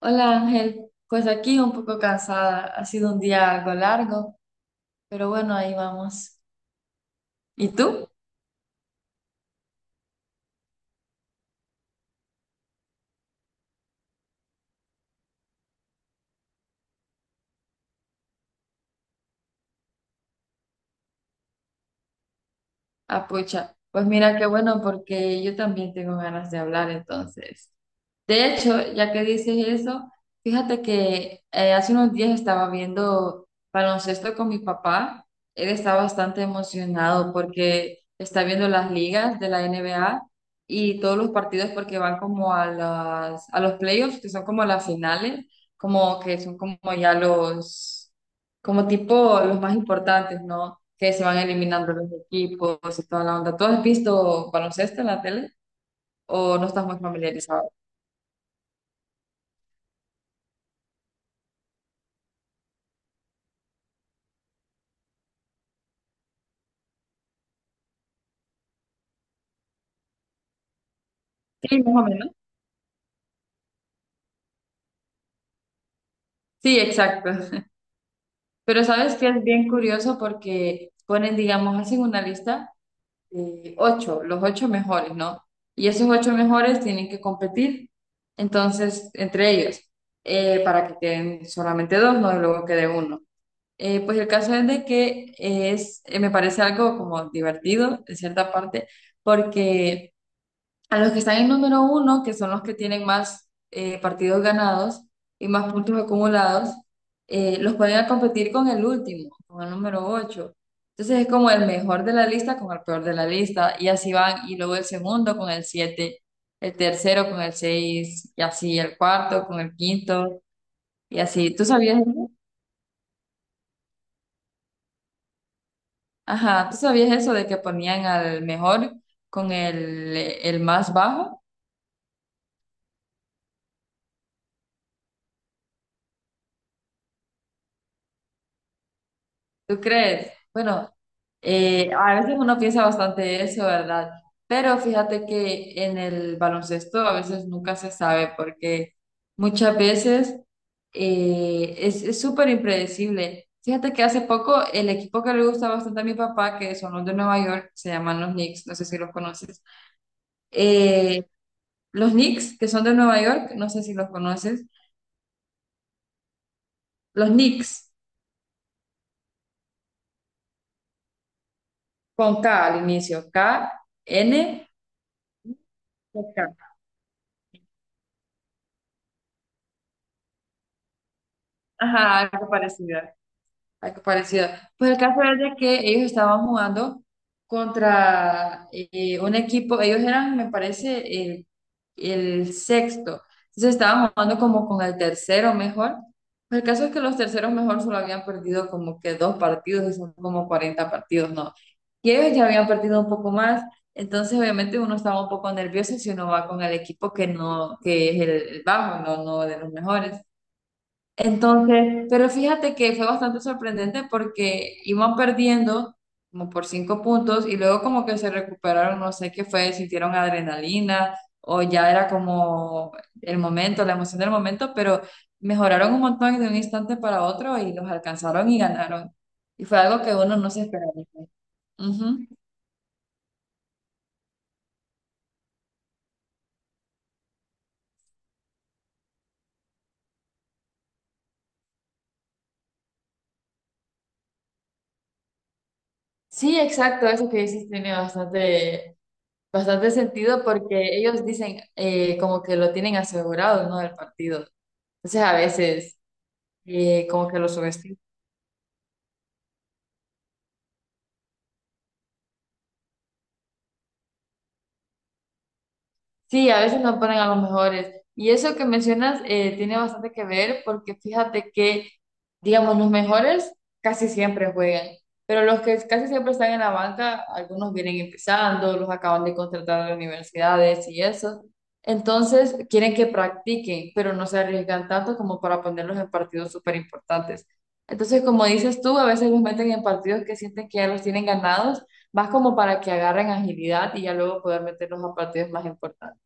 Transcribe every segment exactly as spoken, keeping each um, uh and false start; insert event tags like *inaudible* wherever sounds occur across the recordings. Hola Ángel, pues aquí un poco cansada, ha sido un día algo largo, pero bueno, ahí vamos. ¿Y tú? Apucha, pues mira qué bueno porque yo también tengo ganas de hablar entonces. De hecho, ya que dices eso, fíjate que eh, hace unos días estaba viendo baloncesto con mi papá. Él está bastante emocionado porque está viendo las ligas de la N B A y todos los partidos porque van como a las, a los playoffs, que son como las finales, como que son como ya los, como tipo los más importantes, ¿no? Que se van eliminando los equipos y toda la onda. ¿Tú has visto baloncesto en la tele o no estás muy familiarizado? Sí, más o menos. Sí, exacto. Pero sabes que es bien curioso porque ponen, digamos, hacen una lista de ocho, los ocho mejores, ¿no? Y esos ocho mejores tienen que competir, entonces, entre ellos, eh, para que queden solamente dos, ¿no? Y luego quede uno. Eh, pues el caso es de que es, eh, me parece algo como divertido, en cierta parte, porque a los que están en número uno, que son los que tienen más eh, partidos ganados y más puntos acumulados, eh, los ponen a competir con el último, con el número ocho. Entonces es como el mejor de la lista con el peor de la lista, y así van, y luego el segundo con el siete, el tercero con el seis, y así el cuarto con el quinto, y así. ¿Tú sabías eso? Ajá, ¿tú sabías eso de que ponían al mejor con el, el más bajo? ¿Tú crees? Bueno, eh, a veces uno piensa bastante eso, ¿verdad? Pero fíjate que en el baloncesto a veces nunca se sabe porque muchas veces eh, es es súper impredecible. Fíjate que hace poco el equipo que le gusta bastante a mi papá, que son los de Nueva York, se llaman los Knicks, no sé si los conoces. Eh, los Knicks, que son de Nueva York, no sé si los conoces. Los Knicks, con K al inicio, K, N, K. Ajá, algo parecido. Algo parecido. Pues el caso es de que ellos estaban jugando contra eh, un equipo, ellos eran, me parece, el, el sexto. Entonces estaban jugando como con el tercero mejor. Pues el caso es que los terceros mejor solo habían perdido como que dos partidos, y son como cuarenta partidos, ¿no? Y ellos ya habían perdido un poco más. Entonces, obviamente, uno estaba un poco nervioso si uno va con el equipo que no, que es el, el bajo, no, no de los mejores. Entonces, pero fíjate que fue bastante sorprendente porque iban perdiendo como por cinco puntos y luego como que se recuperaron, no sé qué fue, sintieron adrenalina o ya era como el momento, la emoción del momento, pero mejoraron un montón de un instante para otro y los alcanzaron y ganaron. Y fue algo que uno no se esperaba. Ujú. Sí, exacto, eso que dices tiene bastante, bastante sentido porque ellos dicen eh, como que lo tienen asegurado, ¿no? Del partido. Entonces a veces eh, como que lo subestimo. Sí, a veces no ponen a los mejores. Y eso que mencionas eh, tiene bastante que ver porque fíjate que, digamos, los mejores casi siempre juegan, pero los que casi siempre están en la banca, algunos vienen empezando, los acaban de contratar a las universidades y eso. Entonces, quieren que practiquen, pero no se arriesgan tanto como para ponerlos en partidos súper importantes. Entonces, como dices tú, a veces los meten en partidos que sienten que ya los tienen ganados, más como para que agarren agilidad y ya luego poder meterlos a partidos más importantes.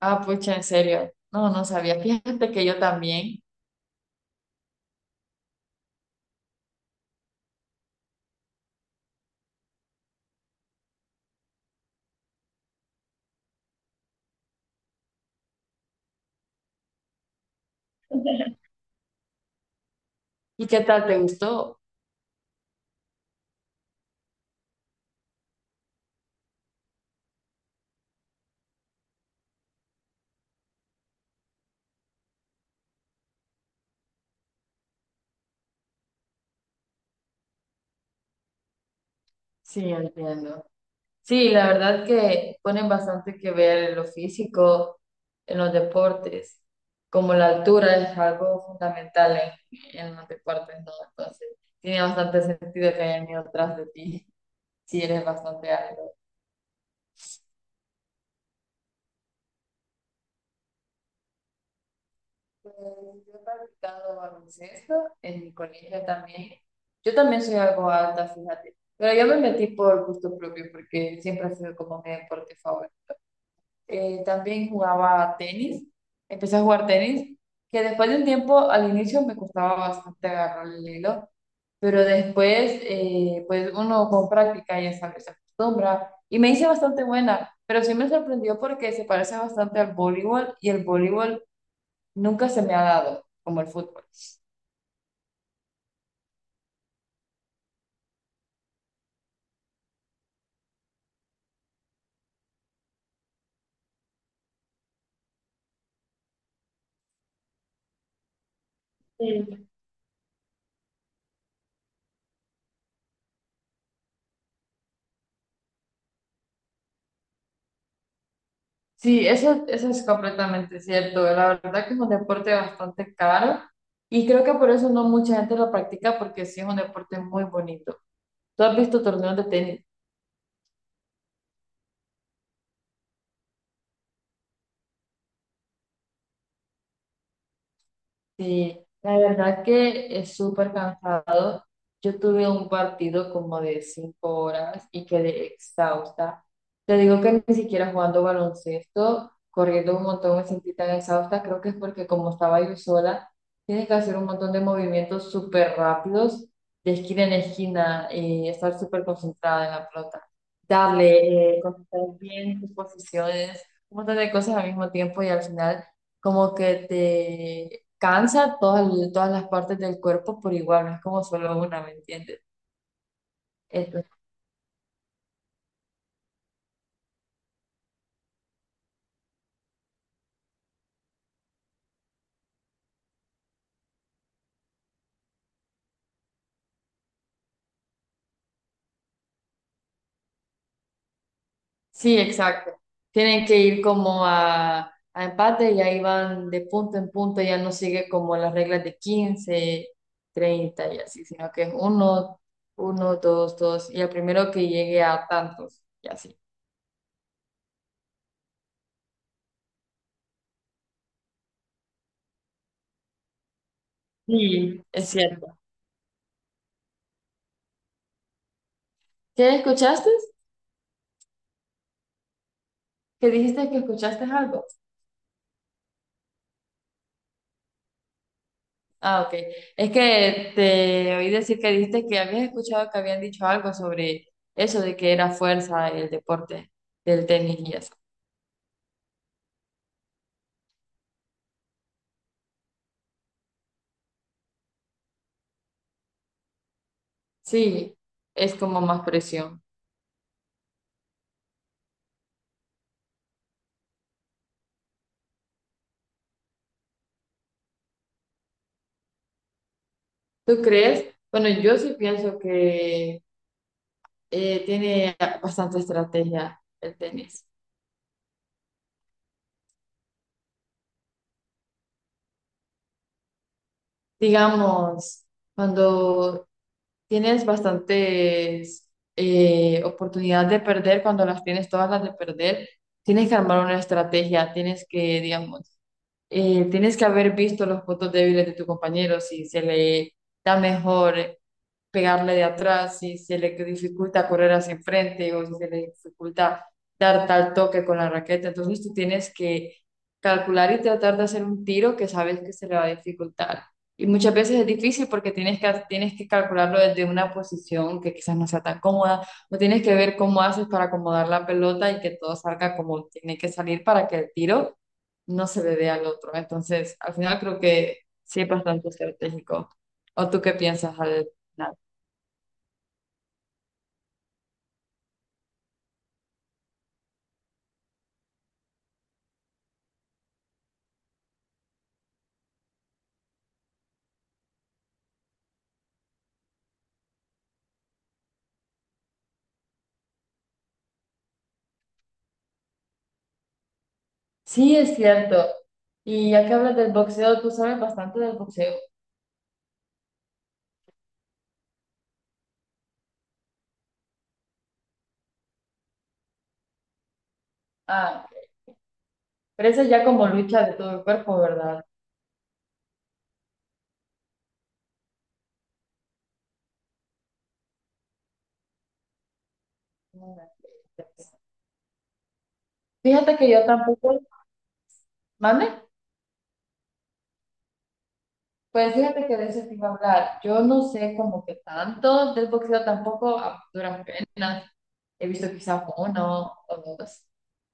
Ah, pucha, en serio. No, no sabía. Fíjate que yo también. ¿Y qué tal te gustó? Sí, entiendo. Sí, la verdad que ponen bastante que ver en lo físico, en los deportes, como la altura es algo fundamental en, en los deportes, ¿no? Entonces, tiene bastante sentido que hayan ido atrás de ti *laughs* si eres bastante alto. Pues, yo he practicado baloncesto en mi colegio también. Yo también soy algo alta, fíjate. Pero yo me metí por gusto propio porque siempre ha sido como mi deporte favorito. Eh, también jugaba tenis. Empecé a jugar tenis, que después de un tiempo, al inicio me costaba bastante agarrar el hilo, pero después, eh, pues uno con práctica ya sabe, se acostumbra. Y me hice bastante buena, pero sí me sorprendió porque se parece bastante al voleibol y el voleibol nunca se me ha dado como el fútbol. Sí. Sí, eso, eso es completamente cierto. La verdad que es un deporte bastante caro y creo que por eso no mucha gente lo practica porque sí es un deporte muy bonito. ¿Tú has visto torneos de tenis? Sí, la verdad que es súper cansado. Yo tuve un partido como de cinco horas y quedé exhausta. Te digo que ni siquiera jugando baloncesto, corriendo un montón me sentí tan exhausta. Creo que es porque como estaba yo sola, tienes que hacer un montón de movimientos súper rápidos, de esquina en esquina, y estar súper concentrada en la pelota. Darle, eh, concentrar bien tus posiciones, un montón de cosas al mismo tiempo y al final como que cansa todas, todas las partes del cuerpo por igual, no es como solo una, ¿me entiendes? Entonces, sí, exacto. Tienen que ir como a, a empate y ahí van de punto en punto, ya no sigue como las reglas de quince treinta y así, sino que es uno, uno, dos, dos, y el primero que llegue a tantos, y así. Sí, es cierto. ¿Qué escuchaste? ¿Qué dijiste que escuchaste algo? Ah, ok. Es que te oí decir que dijiste que habías escuchado que habían dicho algo sobre eso de que era fuerza el deporte del tenis y eso. Sí, es como más presión. ¿Tú crees? Bueno, yo sí pienso que eh, tiene bastante estrategia el tenis. Digamos, cuando tienes bastantes eh, oportunidades de perder, cuando las tienes todas las de perder, tienes que armar una estrategia, tienes que, digamos, eh, tienes que haber visto los puntos débiles de tu compañero, si se le da mejor pegarle de atrás, si se le dificulta correr hacia enfrente o si se le dificulta dar tal toque con la raqueta. Entonces tú tienes que calcular y tratar de hacer un tiro que sabes que se le va a dificultar. Y muchas veces es difícil porque tienes que, tienes que calcularlo desde una posición que quizás no sea tan cómoda, o tienes que ver cómo haces para acomodar la pelota y que todo salga como tiene que salir para que el tiro no se le dé al otro. Entonces, al final creo que sí es bastante estratégico. ¿O tú qué piensas al final? Sí, es cierto. Y ya que hablas del boxeo, tú sabes bastante del boxeo. Ah, pero eso es ya como lucha de todo el cuerpo, ¿verdad? Fíjate que yo tampoco, ¿mande? Pues fíjate que de eso te iba a hablar. Yo no sé como que tanto del boxeo tampoco a duras penas. He visto quizás uno o dos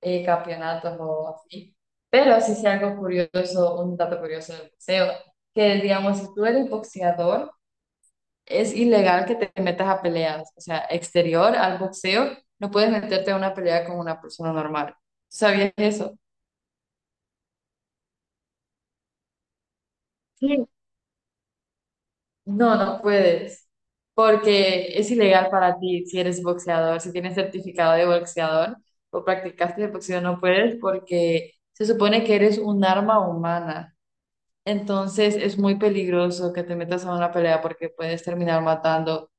eh, campeonatos o así. Pero sí sé algo curioso, un dato curioso del boxeo, que digamos, si tú eres boxeador, es ilegal que te metas a peleas. O sea, exterior al boxeo, no puedes meterte a una pelea con una persona normal. ¿Sabías eso? Sí. No, no puedes, porque es ilegal para ti si eres boxeador, si tienes certificado de boxeador o practicaste el boxeo, no puedes porque se supone que eres un arma humana. Entonces es muy peligroso que te metas a una pelea porque puedes terminar matando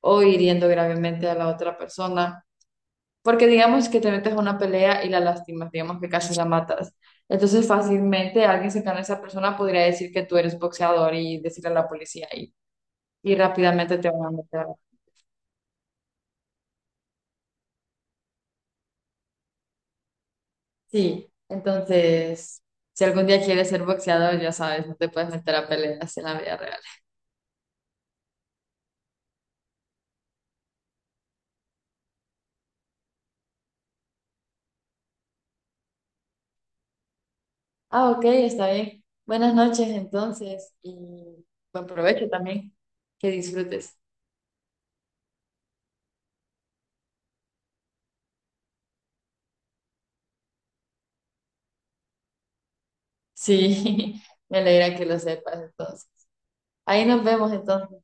o hiriendo gravemente a la otra persona. Porque digamos que te metes a una pelea y la lastimas, digamos que casi la matas. Entonces fácilmente alguien cercano a esa persona podría decir que tú eres boxeador y decirle a la policía y rápidamente te van a meter. Sí, entonces, si algún día quieres ser boxeador, ya sabes, no te puedes meter a peleas en la vida real. Ah, ok, está bien. Buenas noches entonces y buen provecho también. Que disfrutes. Sí, *laughs* me alegra que lo sepas entonces. Ahí nos vemos entonces.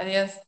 Adiós.